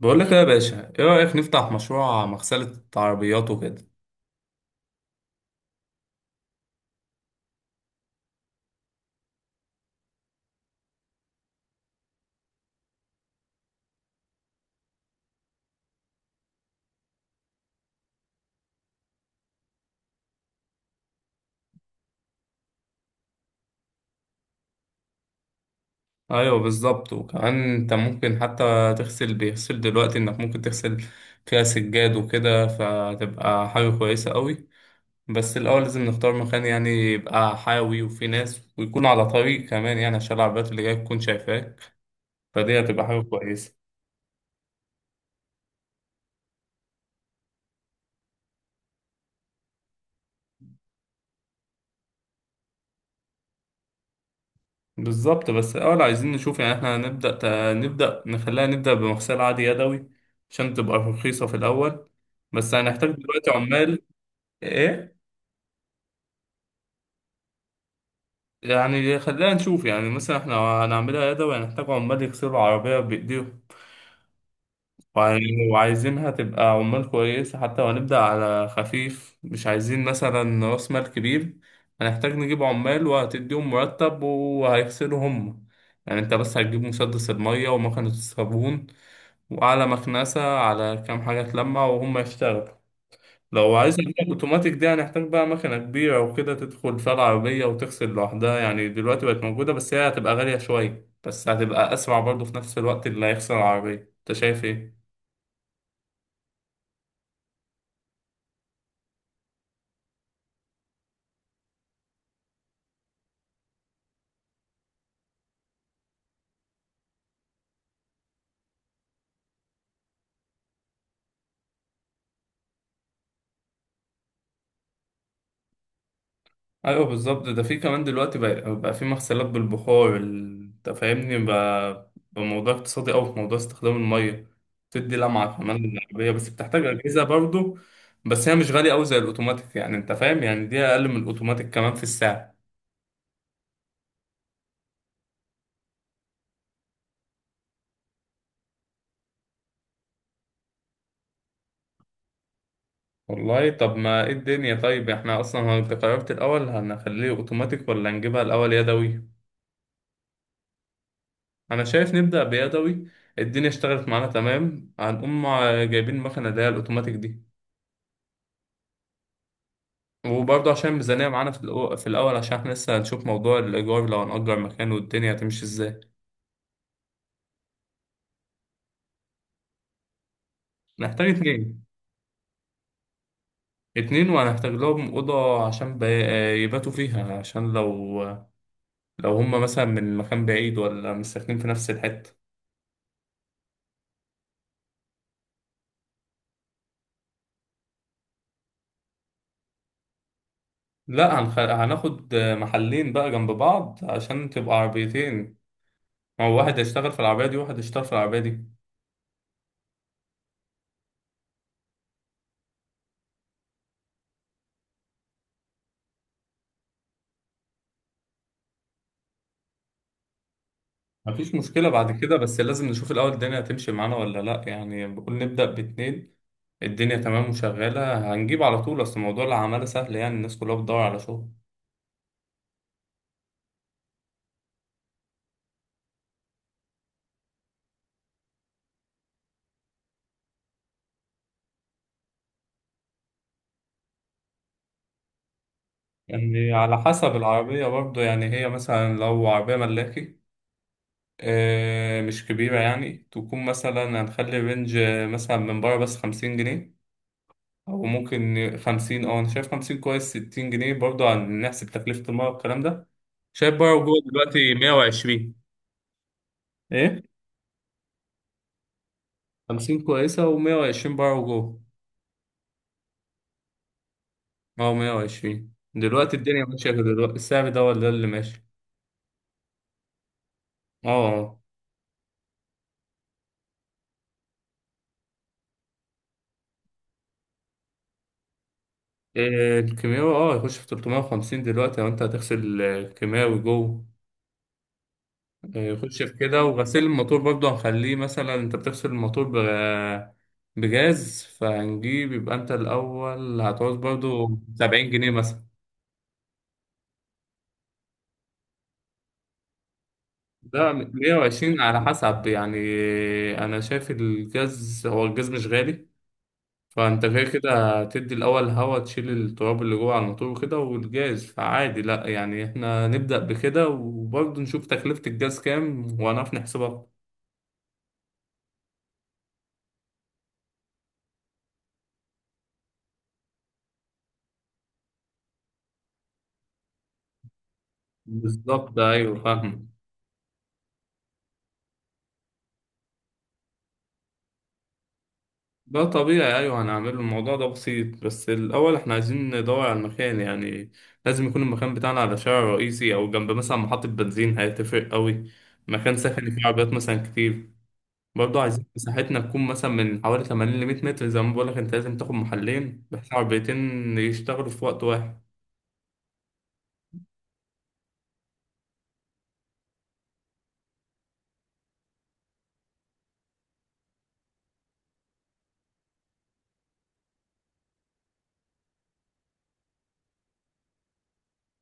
بقول لك ايه يا باشا، ايه رأيك نفتح مشروع مغسلة عربيات وكده؟ ايوه بالظبط، وكمان انت ممكن حتى تغسل بيغسل دلوقتي انك ممكن تغسل فيها سجاد وكده، فتبقى حاجة كويسة قوي. بس الاول لازم نختار مكان يعني يبقى حيوي وفيه ناس ويكون على طريق كمان، يعني عشان العربيات اللي جاية تكون شايفاك، فدي هتبقى حاجة كويسة. بالظبط. بس الاول عايزين نشوف، يعني احنا هنبدأ نبدأ بمغسلة عادي يدوي عشان تبقى رخيصة في الاول، بس هنحتاج دلوقتي عمال. ايه؟ يعني خلينا نشوف، يعني مثلا احنا هنعملها يدوي هنحتاج عمال يغسلوا العربية بإيديهم. وعايزينها تبقى عمال كويسة حتى، وهنبدأ على خفيف، مش عايزين مثلا رأس مال كبير. هنحتاج نجيب عمال وهتديهم مرتب وهيغسلوا هم، يعني انت بس هتجيب مسدس المية ومكنة الصابون وعلى مكنسة على كام حاجة تلمع وهم يشتغلوا. لو عايز أجيب اوتوماتيك دي هنحتاج بقى مكنة كبيرة وكده تدخل فيها العربية وتغسل لوحدها، يعني دلوقتي بقت موجودة، بس هي هتبقى غالية شوية، بس هتبقى أسرع برضه في نفس الوقت اللي هيغسل العربية. أنت شايف إيه؟ أيوه بالظبط، ده في كمان دلوقتي بقى في مغسلات بالبخار أنت فاهمني، بقى موضوع اقتصادي أوي في موضوع استخدام المية. بتدي لمعة كمان للعربية، بس بتحتاج أجهزة برضه. بس هي مش غالية أوي زي الأوتوماتيك، يعني أنت فاهم، يعني دي أقل من الأوتوماتيك كمان في السعر. والله طب ما ايه الدنيا، طيب احنا اصلا هو انت قررت الاول هنخليه اوتوماتيك ولا نجيبها الاول يدوي؟ انا شايف نبدأ بيدوي. الدنيا اشتغلت معانا تمام هنقوم جايبين المكنة اللي هي الاوتوماتيك دي. وبرضه عشان الميزانية معانا في في الاول، عشان احنا لسه هنشوف موضوع الايجار لو هنأجر مكان والدنيا هتمشي ازاي. نحتاج اتنين. اتنين وهنحتاج لهم أوضة عشان يباتوا فيها، عشان لو هما مثلا من مكان بعيد ولا مش ساكنين في نفس الحتة. لا هنخ... هناخد محلين بقى جنب بعض عشان تبقى عربيتين، ما هو واحد هيشتغل في العربية دي وواحد هيشتغل في العربية دي. مفيش مشكلة بعد كده، بس لازم نشوف الأول الدنيا هتمشي معانا ولا لأ، يعني بقول نبدأ باتنين. الدنيا تمام وشغالة هنجيب على طول، أصل موضوع العمالة سهل يعني الناس كلها بتدور على شغل. يعني على حسب العربية برضه، يعني هي مثلا لو عربية ملاكي مش كبيرة، يعني تكون مثلا هنخلي رينج مثلا من بره بس خمسين جنيه. او ممكن خمسين، اه انا شايف خمسين كويس، ستين جنيه، برضه هنحسب تكلفة المية والكلام ده. شايف بره وجوه دلوقتي مية وعشرين. ايه؟ خمسين كويسة، ومية وعشرين بره وجوه. اه مية وعشرين، دلوقتي الدنيا ماشية كده، دلوقتي السعر ده ولا اللي ماشي. اه. اه. إيه، الكيماوي، اه يخش في تلتمية وخمسين دلوقتي، لو انت هتغسل كيماوي جوه يخش في كده. وغسيل الموتور برضه هنخليه، مثلا انت بتغسل الموتور بجاز، فهنجيب، يبقى انت الأول هتعوز برضه سبعين جنيه مثلا. ده مية وعشرين على حسب يعني. أنا شايف الجاز، هو الجاز مش غالي، فأنت كده كده تدي الأول هوا تشيل التراب اللي جوه على الموتور وكده، والجاز فعادي. لأ يعني احنا نبدأ بكده، وبرضه نشوف تكلفة الجاز كام وهنعرف نحسبها. بالظبط أيوه فاهم. ده طبيعي، أيوه هنعمله، الموضوع ده بسيط، بس الأول إحنا عايزين ندور على المكان، يعني لازم يكون المكان بتاعنا على شارع رئيسي أو جنب مثلا محطة بنزين، هيتفرق أوي. مكان سكني فيه عربيات مثلا كتير. برضه عايزين مساحتنا تكون مثلا من حوالي 80 ل 100 متر، زي ما بقولك، أنت لازم تاخد محلين بحيث عربيتين يشتغلوا في وقت واحد.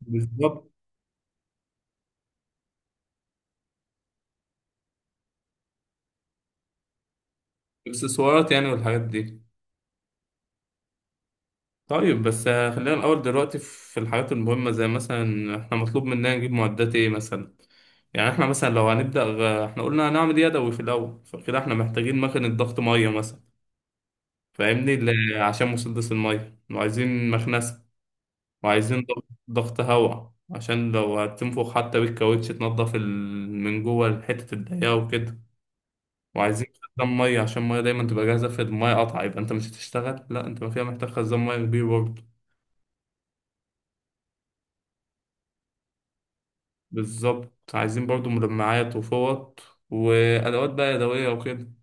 بالظبط. اكسسوارات يعني والحاجات دي. طيب بس خلينا الأول دلوقتي في الحاجات المهمة، زي مثلا إحنا مطلوب مننا نجيب معدات إيه مثلا. يعني احنا مثلا لو هنبدأ احنا قلنا هنعمل يدوي في الأول، فكده احنا محتاجين مكنة ضغط مية مثلا. فاهمني، عشان مسدس المية، وعايزين مكنسة، وعايزين ضغط، ضغط هواء عشان لو هتنفخ حتى بالكاوتش تنضف من جوه حتة الضيقة وكده. وعايزين خزان مية عشان المية دايما تبقى جاهزة، في المية قطع يبقى انت مش هتشتغل، لا انت ما فيها محتاج خزان مية كبير برضه. بالظبط، عايزين برضه مجمعات وفوط وأدوات بقى يدوية وكده.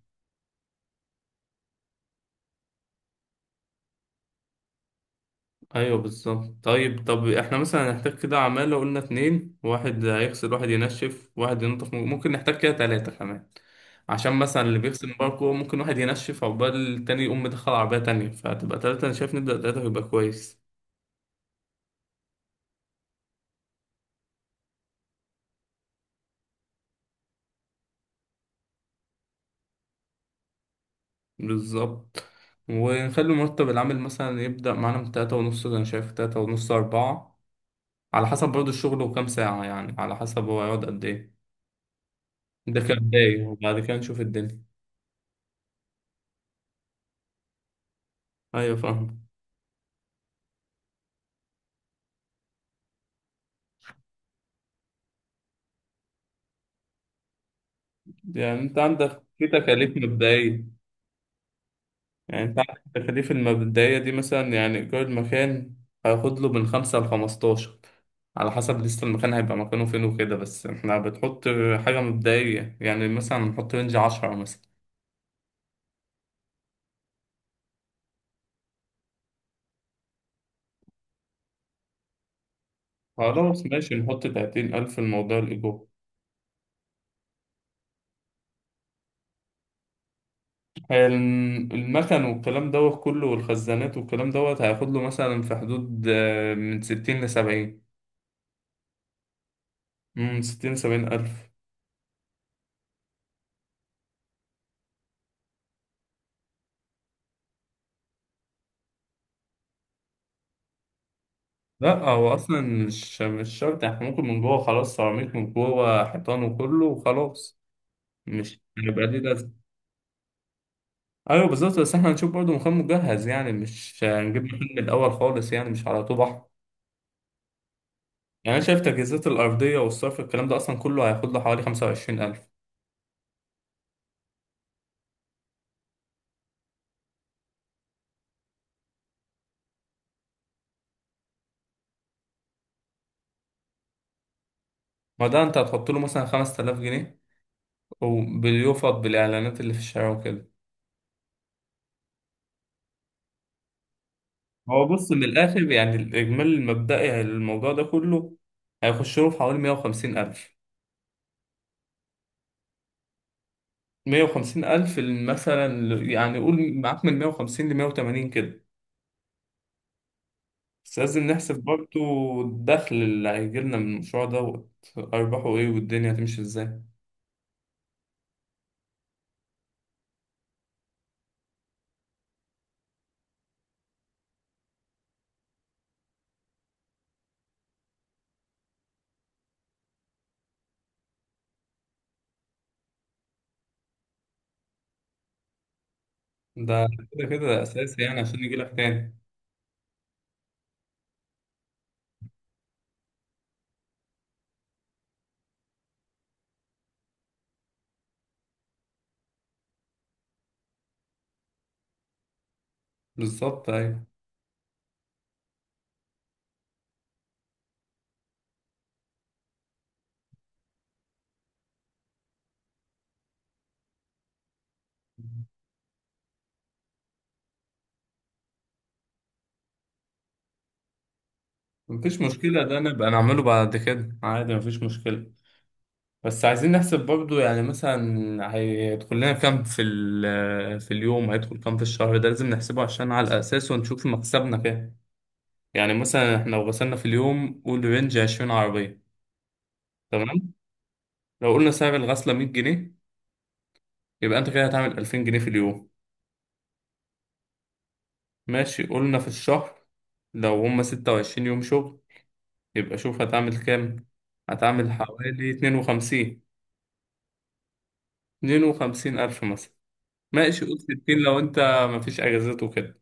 ايوه بالظبط. طيب، طب احنا مثلا هنحتاج كده عمالة، قلنا اتنين، واحد هيغسل واحد ينشف واحد ينظف، ممكن نحتاج كده تلاتة كمان، عشان مثلا اللي بيغسل مباركو، ممكن واحد ينشف عقبال التاني يقوم مدخل عربية تانية، فتبقى تلاتة. أنا شايف نبدأ تلاتة يبقى كويس. بالظبط. ونخلي مرتب العمل مثلا يبدأ معانا من تلاتة ونص، أنا شايف تلاتة ونص أربعة، على حسب برضه الشغل وكام ساعة، يعني على حسب هو هيقعد قد إيه. ده كبداية، وبعد كده نشوف الدنيا. أيوة فاهم. يعني انت عندك في تكاليف مبدئية. يعني انت عندك التكاليف المبدئية دي، مثلا يعني إيجار المكان هياخد له من خمسة لخمستاشر، على حسب لسه المكان هيبقى مكانه فين وكده، بس احنا بتحط حاجة مبدئية، يعني مثلا نحط رينج عشرة مثلا. خلاص ماشي، نحط تلاتين ألف الموضوع الإيجار. المكن والكلام دوت كله والخزانات والكلام دوت هياخد له مثلا في حدود من ستين لسبعين. من ستين لسبعين ألف. لا هو اصلا مش شرط، احنا ممكن من جوه خلاص سيراميك من جوه حيطان وكله وخلاص، مش هيبقى ليه لازمه. ايوه بالظبط، بس احنا هنشوف برضه مخيم مجهز يعني، مش هنجيب مخيم من الاول خالص يعني، مش على طول بحر. يعني انا شايف تجهيزات الارضيه والصرف الكلام ده اصلا كله هياخد له حوالي 25,000. ما ده انت هتحط له مثلا 5000 جنيه، وبيفض بالاعلانات اللي في الشارع وكده. هو بص من الاخر، يعني الاجمالي المبدئي الموضوع ده كله هيخش له في حوالي 150,000، مية وخمسين ألف مثلا يعني قول معاك من مية وخمسين لمية وتمانين كده. بس لازم نحسب برضو الدخل اللي هيجيلنا من المشروع دوت، أرباحه إيه والدنيا هتمشي إزاي. ده كده كده أساسي، يعني عشان يجيلك تاني. بالظبط أيوة. مفيش مشكلة، ده نبقى نعمله بعد كده عادي، مفيش مشكلة. بس عايزين نحسب برضو، يعني مثلا هيدخل لنا كام في في اليوم، هيدخل كام في الشهر، ده لازم نحسبه عشان على أساسه نشوف مكسبنا كام. يعني مثلا احنا لو غسلنا في اليوم قول رينج 20 عربية. تمام. لو قلنا سعر الغسلة 100 جنيه، يبقى انت كده هتعمل 2000 جنيه في اليوم. ماشي، قلنا في الشهر لو هما 26 يوم شغل، يبقى شوف هتعمل كام. هتعمل حوالي 52 ألف مثلا. ماشي قول 60، لو انت مفيش أجازات وكده.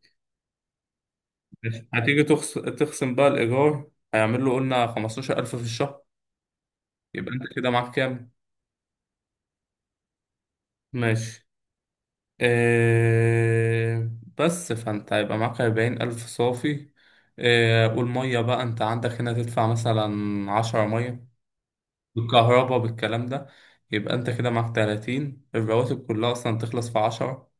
ماشي. تخصم بقى الإيجار، هيعمل له قلنا 15,000 في الشهر، يبقى انت كده معاك كام. ماشي. آه، بس فانت هيبقى معاك أربعين ألف صافي. والمية بقى انت عندك هنا تدفع مثلا عشرة مية، بالكهرباء بالكلام ده. يبقى انت كده معاك تلاتين، الرواتب كلها أصلا تخلص في عشرة.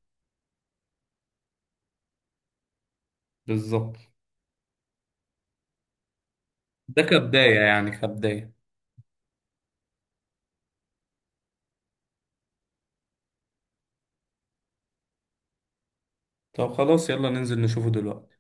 بالظبط. ده كبداية يعني، كبداية. طب خلاص يلا ننزل نشوفه دلوقتي.